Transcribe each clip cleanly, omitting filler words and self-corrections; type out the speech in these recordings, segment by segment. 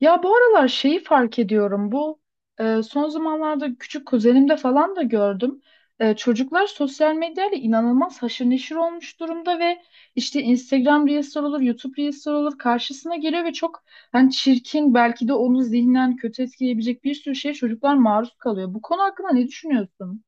Ya bu aralar şeyi fark ediyorum. Bu son zamanlarda küçük kuzenimde falan da gördüm. Çocuklar sosyal medyayla inanılmaz haşır neşir olmuş durumda ve işte Instagram Reels olur, YouTube Reels olur karşısına geliyor ve çok hani çirkin belki de onu zihnen kötü etkileyebilecek bir sürü şeye çocuklar maruz kalıyor. Bu konu hakkında ne düşünüyorsun?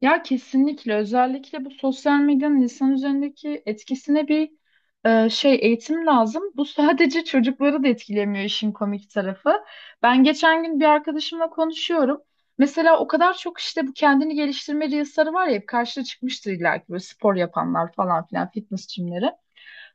Ya kesinlikle, özellikle bu sosyal medyanın insan üzerindeki etkisine bir eğitim lazım. Bu sadece çocukları da etkilemiyor, işin komik tarafı. Ben geçen gün bir arkadaşımla konuşuyorum. Mesela o kadar çok işte bu kendini geliştirme reels'ları var ya, hep karşına çıkmıştır illa ki, böyle spor yapanlar falan filan, fitness jimleri.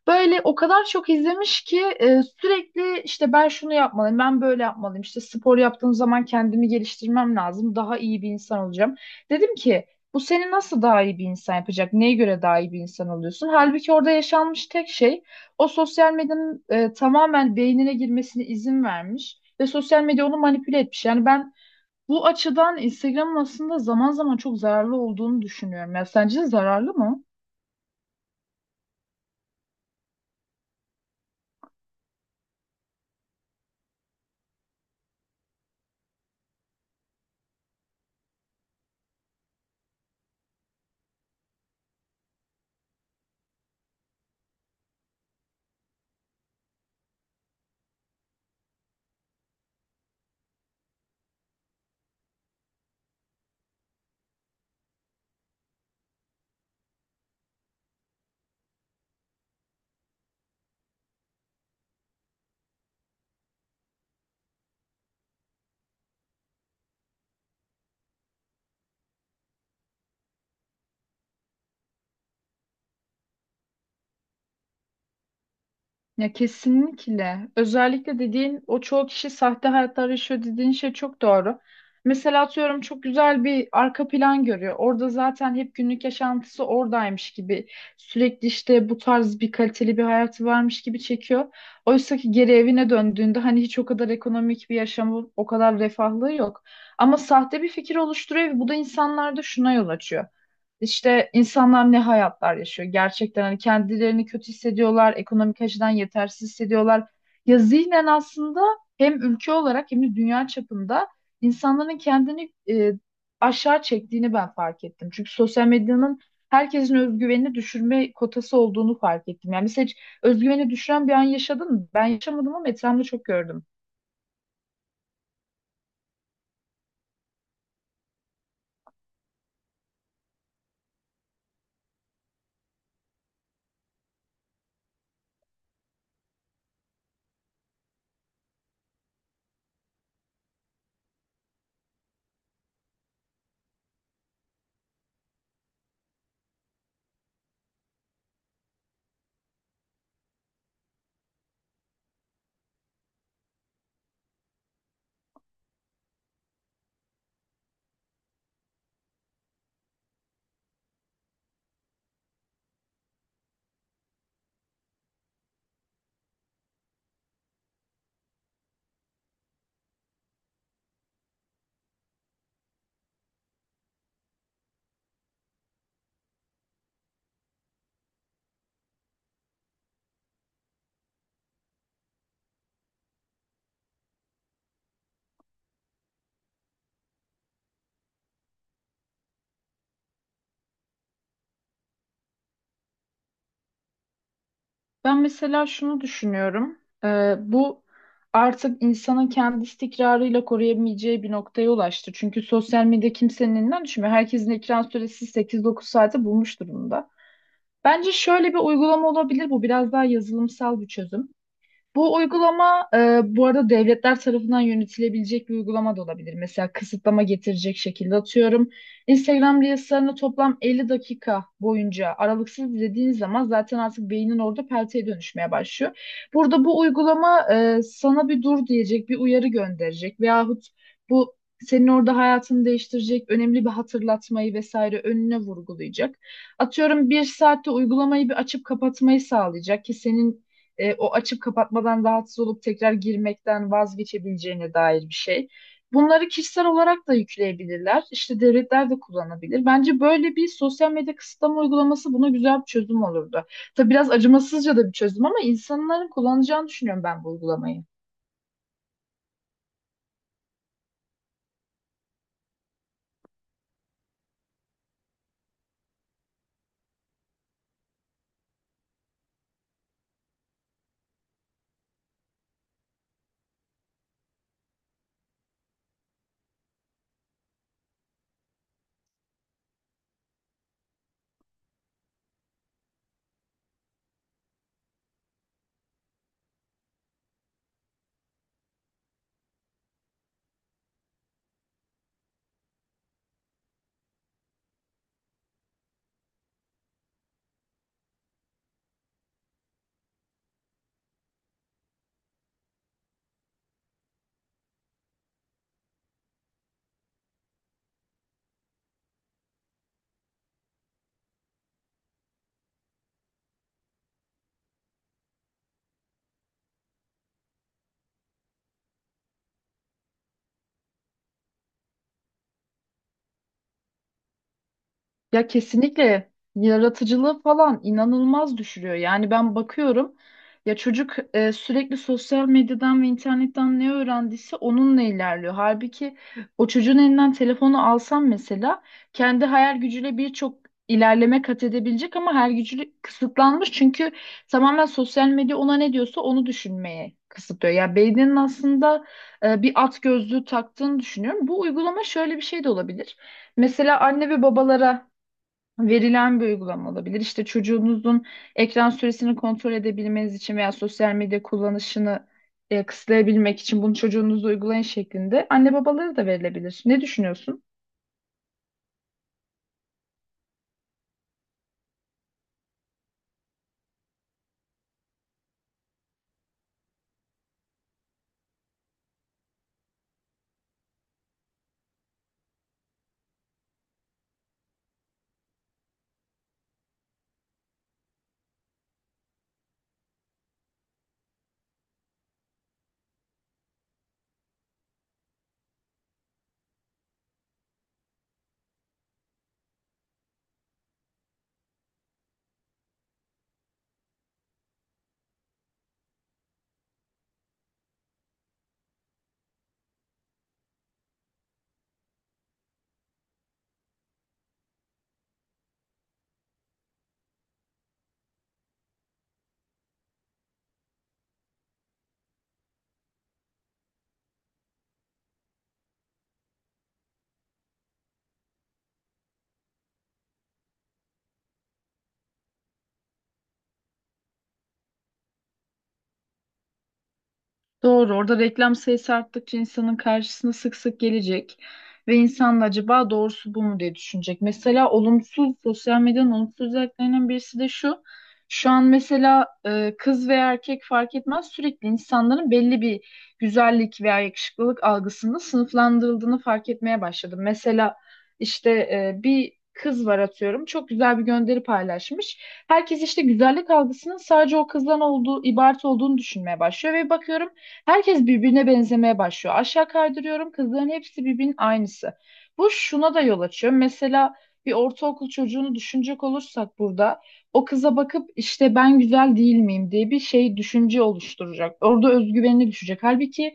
Böyle o kadar çok izlemiş ki sürekli işte ben şunu yapmalıyım, ben böyle yapmalıyım. İşte spor yaptığım zaman kendimi geliştirmem lazım. Daha iyi bir insan olacağım. Dedim ki bu seni nasıl daha iyi bir insan yapacak? Neye göre daha iyi bir insan oluyorsun? Halbuki orada yaşanmış tek şey o sosyal medyanın tamamen beynine girmesine izin vermiş ve sosyal medya onu manipüle etmiş. Yani ben bu açıdan Instagram'ın aslında zaman zaman çok zararlı olduğunu düşünüyorum. Ya sence zararlı mı? Ya kesinlikle. Özellikle dediğin o çoğu kişi sahte hayatlar yaşıyor dediğin şey çok doğru. Mesela atıyorum, çok güzel bir arka plan görüyor. Orada zaten hep günlük yaşantısı oradaymış gibi. Sürekli işte bu tarz bir kaliteli bir hayatı varmış gibi çekiyor. Oysa ki geri evine döndüğünde hani hiç o kadar ekonomik bir yaşamı, o kadar refahlığı yok. Ama sahte bir fikir oluşturuyor ve bu da insanlarda şuna yol açıyor. İşte insanlar ne hayatlar yaşıyor gerçekten, hani kendilerini kötü hissediyorlar, ekonomik açıdan yetersiz hissediyorlar. Ya zihnen aslında hem ülke olarak hem de dünya çapında insanların kendini aşağı çektiğini ben fark ettim. Çünkü sosyal medyanın herkesin özgüvenini düşürme kotası olduğunu fark ettim. Yani mesela hiç özgüveni düşüren bir an yaşadın mı? Ben yaşamadım ama etrafımda çok gördüm. Ben mesela şunu düşünüyorum. Bu artık insanın kendi istikrarıyla koruyamayacağı bir noktaya ulaştı. Çünkü sosyal medya kimsenin elinden düşmüyor. Herkesin ekran süresi 8-9 saate bulmuş durumda. Bence şöyle bir uygulama olabilir bu. Biraz daha yazılımsal bir çözüm. Bu uygulama, bu arada devletler tarafından yönetilebilecek bir uygulama da olabilir. Mesela kısıtlama getirecek şekilde, atıyorum. Instagram Reels'larını toplam 50 dakika boyunca aralıksız izlediğiniz zaman zaten artık beynin orada pelteye dönüşmeye başlıyor. Burada bu uygulama sana bir dur diyecek, bir uyarı gönderecek veyahut bu senin orada hayatını değiştirecek önemli bir hatırlatmayı vesaire önüne vurgulayacak. Atıyorum bir saatte uygulamayı bir açıp kapatmayı sağlayacak ki senin o açıp kapatmadan rahatsız olup tekrar girmekten vazgeçebileceğine dair bir şey. Bunları kişisel olarak da yükleyebilirler. İşte devletler de kullanabilir. Bence böyle bir sosyal medya kısıtlama uygulaması buna güzel bir çözüm olurdu. Tabii biraz acımasızca da bir çözüm ama insanların kullanacağını düşünüyorum ben bu uygulamayı. Ya kesinlikle, yaratıcılığı falan inanılmaz düşürüyor. Yani ben bakıyorum, ya çocuk sürekli sosyal medyadan ve internetten ne öğrendiyse onunla ilerliyor. Halbuki o çocuğun elinden telefonu alsam mesela kendi hayal gücüyle birçok ilerleme kat edebilecek ama hayal gücü kısıtlanmış. Çünkü tamamen sosyal medya ona ne diyorsa onu düşünmeye kısıtlıyor. Ya beyninin aslında bir at gözlüğü taktığını düşünüyorum. Bu uygulama şöyle bir şey de olabilir. Mesela anne ve babalara verilen bir uygulama olabilir. İşte çocuğunuzun ekran süresini kontrol edebilmeniz için veya sosyal medya kullanışını kısıtlayabilmek için bunu çocuğunuza uygulayın şeklinde anne babalara da verilebilir. Ne düşünüyorsun? Doğru. Orada reklam sayısı arttıkça insanın karşısına sık sık gelecek ve insan da acaba doğrusu bu mu diye düşünecek. Mesela olumsuz, sosyal medyanın olumsuz özelliklerinden birisi de şu. Şu an mesela kız veya erkek fark etmez, sürekli insanların belli bir güzellik veya yakışıklılık algısında sınıflandırıldığını fark etmeye başladım. Mesela işte bir kız var, atıyorum, çok güzel bir gönderi paylaşmış. Herkes işte güzellik algısının sadece o kızdan olduğu, ibaret olduğunu düşünmeye başlıyor ve bakıyorum herkes birbirine benzemeye başlıyor. Aşağı kaydırıyorum, kızların hepsi birbirinin aynısı. Bu şuna da yol açıyor. Mesela bir ortaokul çocuğunu düşünecek olursak, burada o kıza bakıp işte ben güzel değil miyim diye bir şey, düşünce oluşturacak. Orada özgüvenini düşecek. Halbuki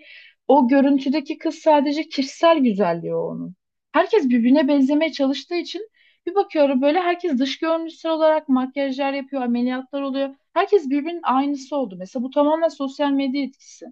o görüntüdeki kız sadece kişisel güzelliği o onun. Herkes birbirine benzemeye çalıştığı için bir bakıyorum böyle herkes dış görünüşsel olarak makyajlar yapıyor, ameliyatlar oluyor. Herkes birbirinin aynısı oldu. Mesela bu tamamen sosyal medya etkisi.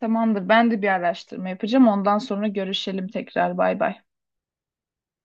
Tamamdır. Ben de bir araştırma yapacağım. Ondan sonra görüşelim tekrar. Bay bay.